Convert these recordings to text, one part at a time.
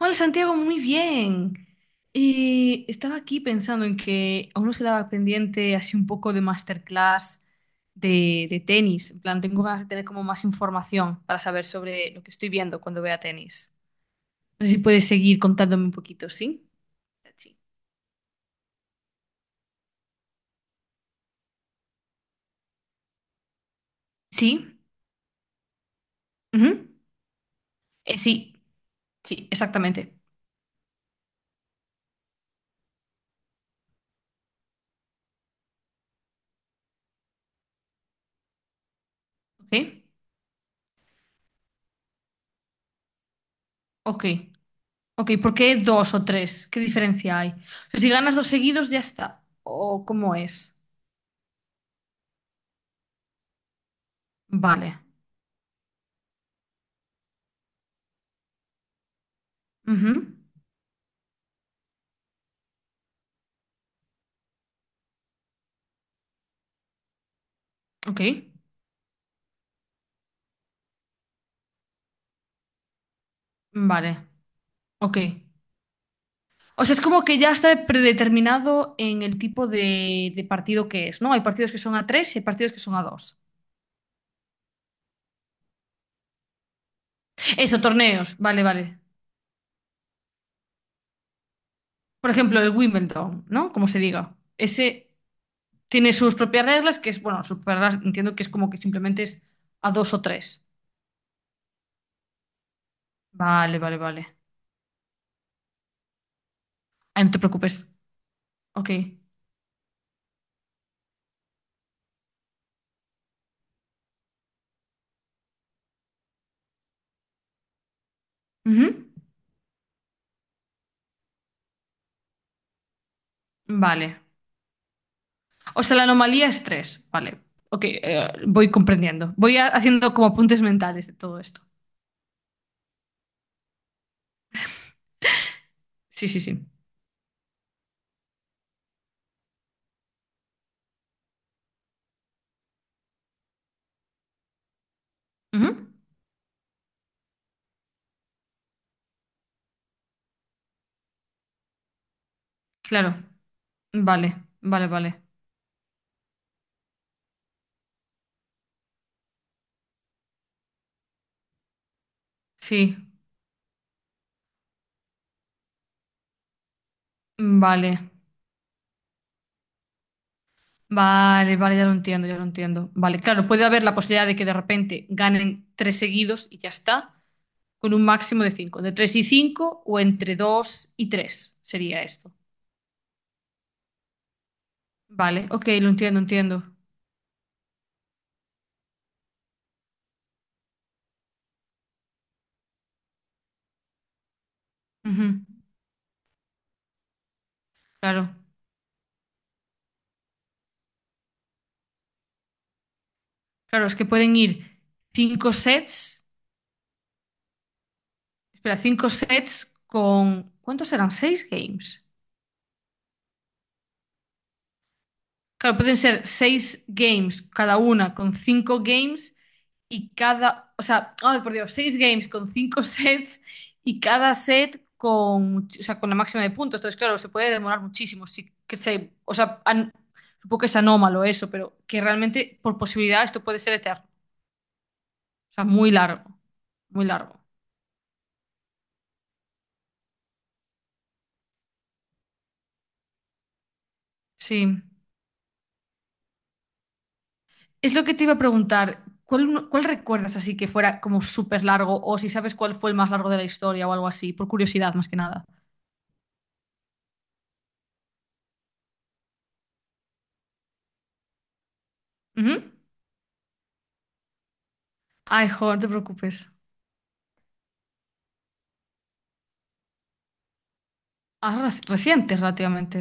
Hola Santiago, muy bien. Estaba aquí pensando en que aún nos quedaba pendiente así un poco de masterclass de tenis. En plan, tengo ganas de tener como más información para saber sobre lo que estoy viendo cuando vea tenis. No sé si puedes seguir contándome un poquito, ¿sí? Sí. ¿Sí? Ujú. Eh, sí, sí, exactamente. ¿Ok? Ok, ok. ¿Por qué dos o tres? ¿Qué diferencia hay? O sea, si ganas dos seguidos, ya está. ¿O cómo es? Vale. Ujú. Ok. Vale, ok. O sea, es como que ya está predeterminado en el tipo de partido que es, ¿no? Hay partidos que son a tres y hay partidos que son a dos. Eso, torneos, vale, vale. Por ejemplo, el Wimbledon, ¿no? Como se diga. Ese tiene sus propias reglas, que es, bueno, sus propias reglas, entiendo que es como que simplemente es a dos o tres. Vale, vale, vale. Ay, no te preocupes. Ok. Ujú. Vale. O sea, la anomalía es tres. Vale. Ok, voy comprendiendo. Haciendo como apuntes mentales de todo esto. Sí, sí, sí. Ujú. Claro. Vale, vale, vale. Sí, vale. Vale, vale, ya lo entiendo, ya lo entiendo. Vale, claro, puede haber la posibilidad de que de repente ganen tres seguidos y ya está, con un máximo de cinco, de tres y cinco o entre dos y tres sería esto. Vale, ok, lo entiendo, entiendo. Ujú. Claro, claro, es que pueden ir cinco sets, espera, cinco sets con, ¿cuántos serán? ¿Seis games? Claro, pueden ser seis games cada una con cinco games y cada, o sea, ay, por Dios, seis games con cinco sets y cada set con, o sea, con la máxima de puntos. Entonces, claro, se puede demorar muchísimo. Sí, que se, o sea, supongo que es anómalo eso, pero que realmente por posibilidad esto puede ser eterno. O sea, muy largo, muy largo. Sí. Es lo que te iba a preguntar. ¿ Cuál recuerdas así que fuera como súper largo o si sabes cuál fue el más largo de la historia o algo así? Por curiosidad, más que nada. Ujú. Ay, joder, no te preocupes. Ah, recientes relativamente.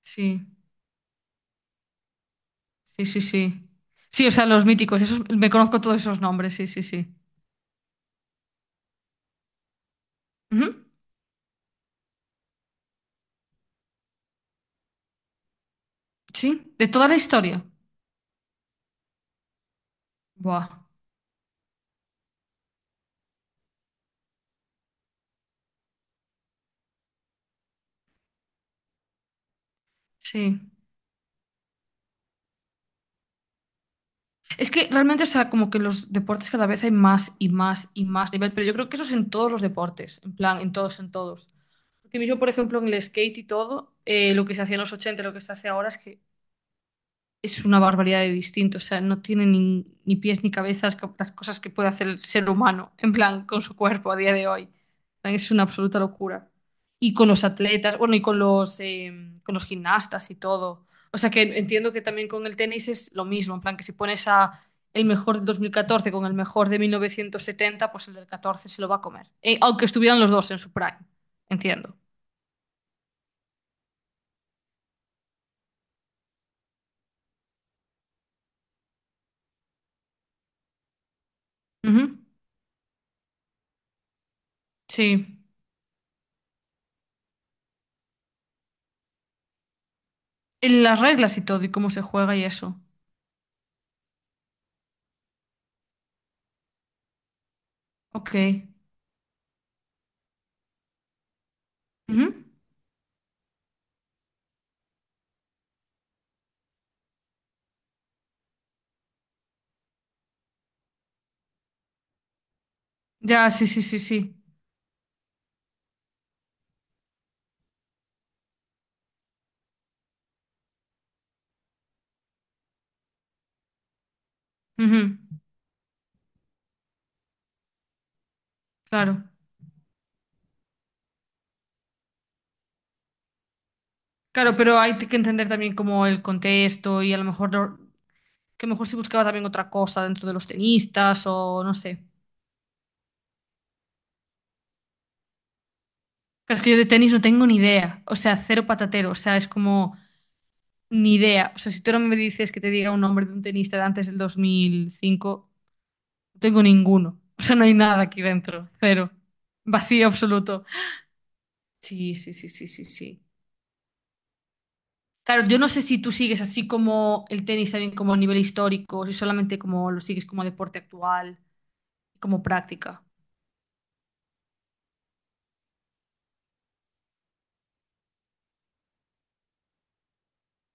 Sí, sí, sí, sí. Sí, o sea, los míticos, esos, me conozco todos esos nombres, sí, sí, sí. Ujú. Sí, de toda la historia. Buah, sí. Es que realmente, o sea, como que los deportes cada vez hay más y más y más nivel, pero yo creo que eso es en todos los deportes, en plan, en todos, en todos. Porque yo, por ejemplo, en el skate y todo, lo que se hacía en los 80 y lo que se hace ahora es que es una barbaridad de distinto, o sea, no tiene ni, ni pies ni cabezas las cosas que puede hacer el ser humano, en plan, con su cuerpo a día de hoy. En plan, es una absoluta locura. Y con los atletas, bueno, y con los, con los gimnastas y todo. O sea que entiendo que también con el tenis es lo mismo, en plan, que si pones a el mejor del 2014 con el mejor de 1970 pues el del 14 se lo va a comer. Aunque estuvieran los dos en su prime, entiendo. Ujú. Sí. En las reglas y todo, y cómo se juega y eso. Ok. Ujú. Ya, sí, sí, sí, sí. Ujú. Claro. Claro, pero hay que entender también como el contexto y a lo mejor que a lo mejor si buscaba también otra cosa dentro de los tenistas o no sé. Claro, es que yo de tenis no tengo ni idea. O sea, cero patatero. O sea, es como ni idea. O sea, si tú no me dices que te diga un nombre de un tenista de antes del 2005 no tengo ninguno. O sea, no hay nada aquí dentro. Cero. Vacío absoluto. Sí, sí, sí, sí, sí, sí. Claro, yo no sé si tú sigues así como el tenis también como a nivel histórico, si solamente como lo sigues como deporte actual, como práctica.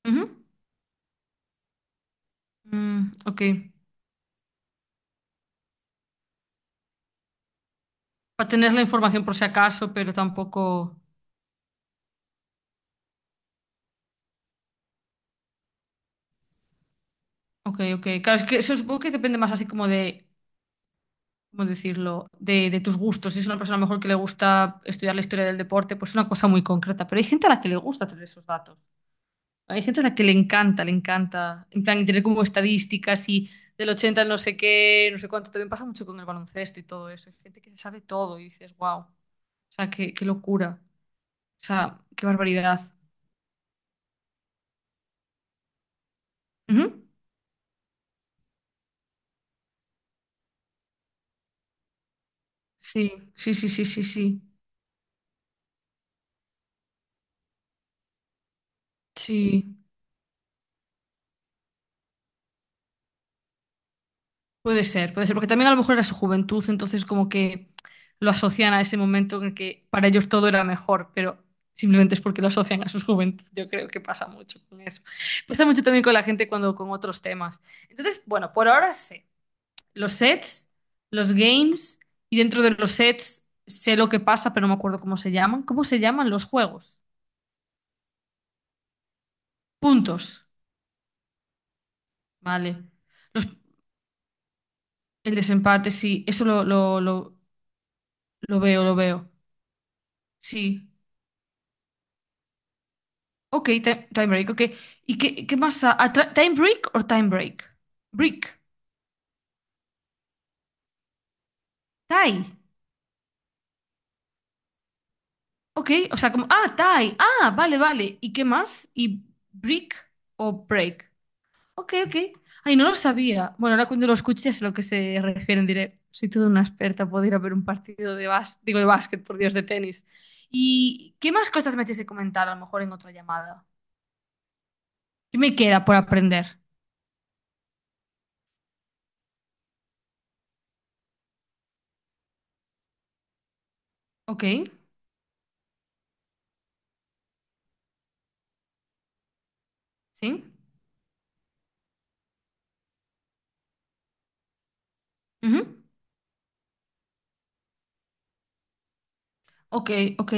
Ujú. Mm, ok. Para tener la información por si acaso, pero tampoco. Ok, ok. Claro, es que eso supongo que depende más así como de, ¿cómo decirlo? De tus gustos. Si es una persona a lo mejor que le gusta estudiar la historia del deporte, pues es una cosa muy concreta. Pero hay gente a la que le gusta tener esos datos. Hay gente a la que le encanta, le encanta. En plan, tener como estadísticas y del 80 al no sé qué, no sé cuánto. También pasa mucho con el baloncesto y todo eso. Hay gente que se sabe todo y dices, wow. O sea, qué, qué locura. O sea, qué barbaridad. Ujú. Sí, sí, sí, sí, sí, sí. Sí. Puede ser, porque también a lo mejor era su juventud, entonces como que lo asocian a ese momento en el que para ellos todo era mejor, pero simplemente es porque lo asocian a su juventud. Yo creo que pasa mucho con eso. Pasa mucho también con la gente cuando con otros temas. Entonces, bueno, por ahora sé los sets, los games y dentro de los sets sé lo que pasa, pero no me acuerdo cómo se llaman. ¿Cómo se llaman los juegos? Puntos, vale. Los- el desempate, sí, eso lo, lo veo, lo veo. Sí. Ok, time, time break, ok. ¿Y qué, qué más? Ah, ¿time break o time break? Break. Tie. Ok, o sea, como, ah, tie. Ah, vale, vale. ¿Y qué más? ¿Y break o break? Ok, ok. Ay, no lo sabía. Bueno, ahora cuando lo escuches a lo que se refieren diré, soy toda una experta, puedo ir a ver un partido de básquet, digo de básquet, por Dios, de tenis. ¿Y qué más cosas me tienes que comentar a lo mejor en otra llamada? ¿Qué me queda por aprender? Ok, sí. Ujú. Ok, ok.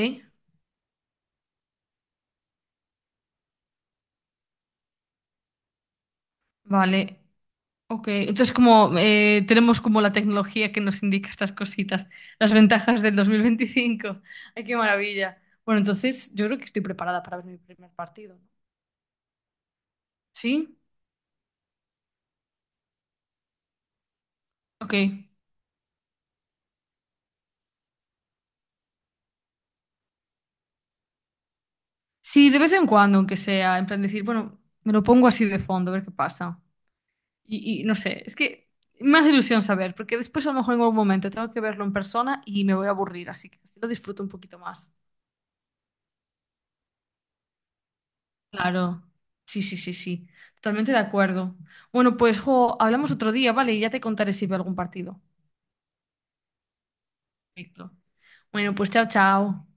Vale. Ok, entonces como tenemos como la tecnología que nos indica estas cositas, las ventajas del 2025. Ay, qué maravilla. Bueno, entonces yo creo que estoy preparada para ver mi primer partido, ¿no? ¿Sí? Ok. Sí, de vez en cuando, aunque sea, en plan decir, bueno, me lo pongo así de fondo, a ver qué pasa. Y no sé, es que me hace ilusión saber, porque después a lo mejor en algún momento tengo que verlo en persona y me voy a aburrir, así que así lo disfruto un poquito más. Claro, sí, sí, sí, sí, totalmente de acuerdo. Bueno, pues jo, hablamos otro día, ¿vale? Y ya te contaré si veo algún partido. Perfecto. Bueno, pues chao, chao.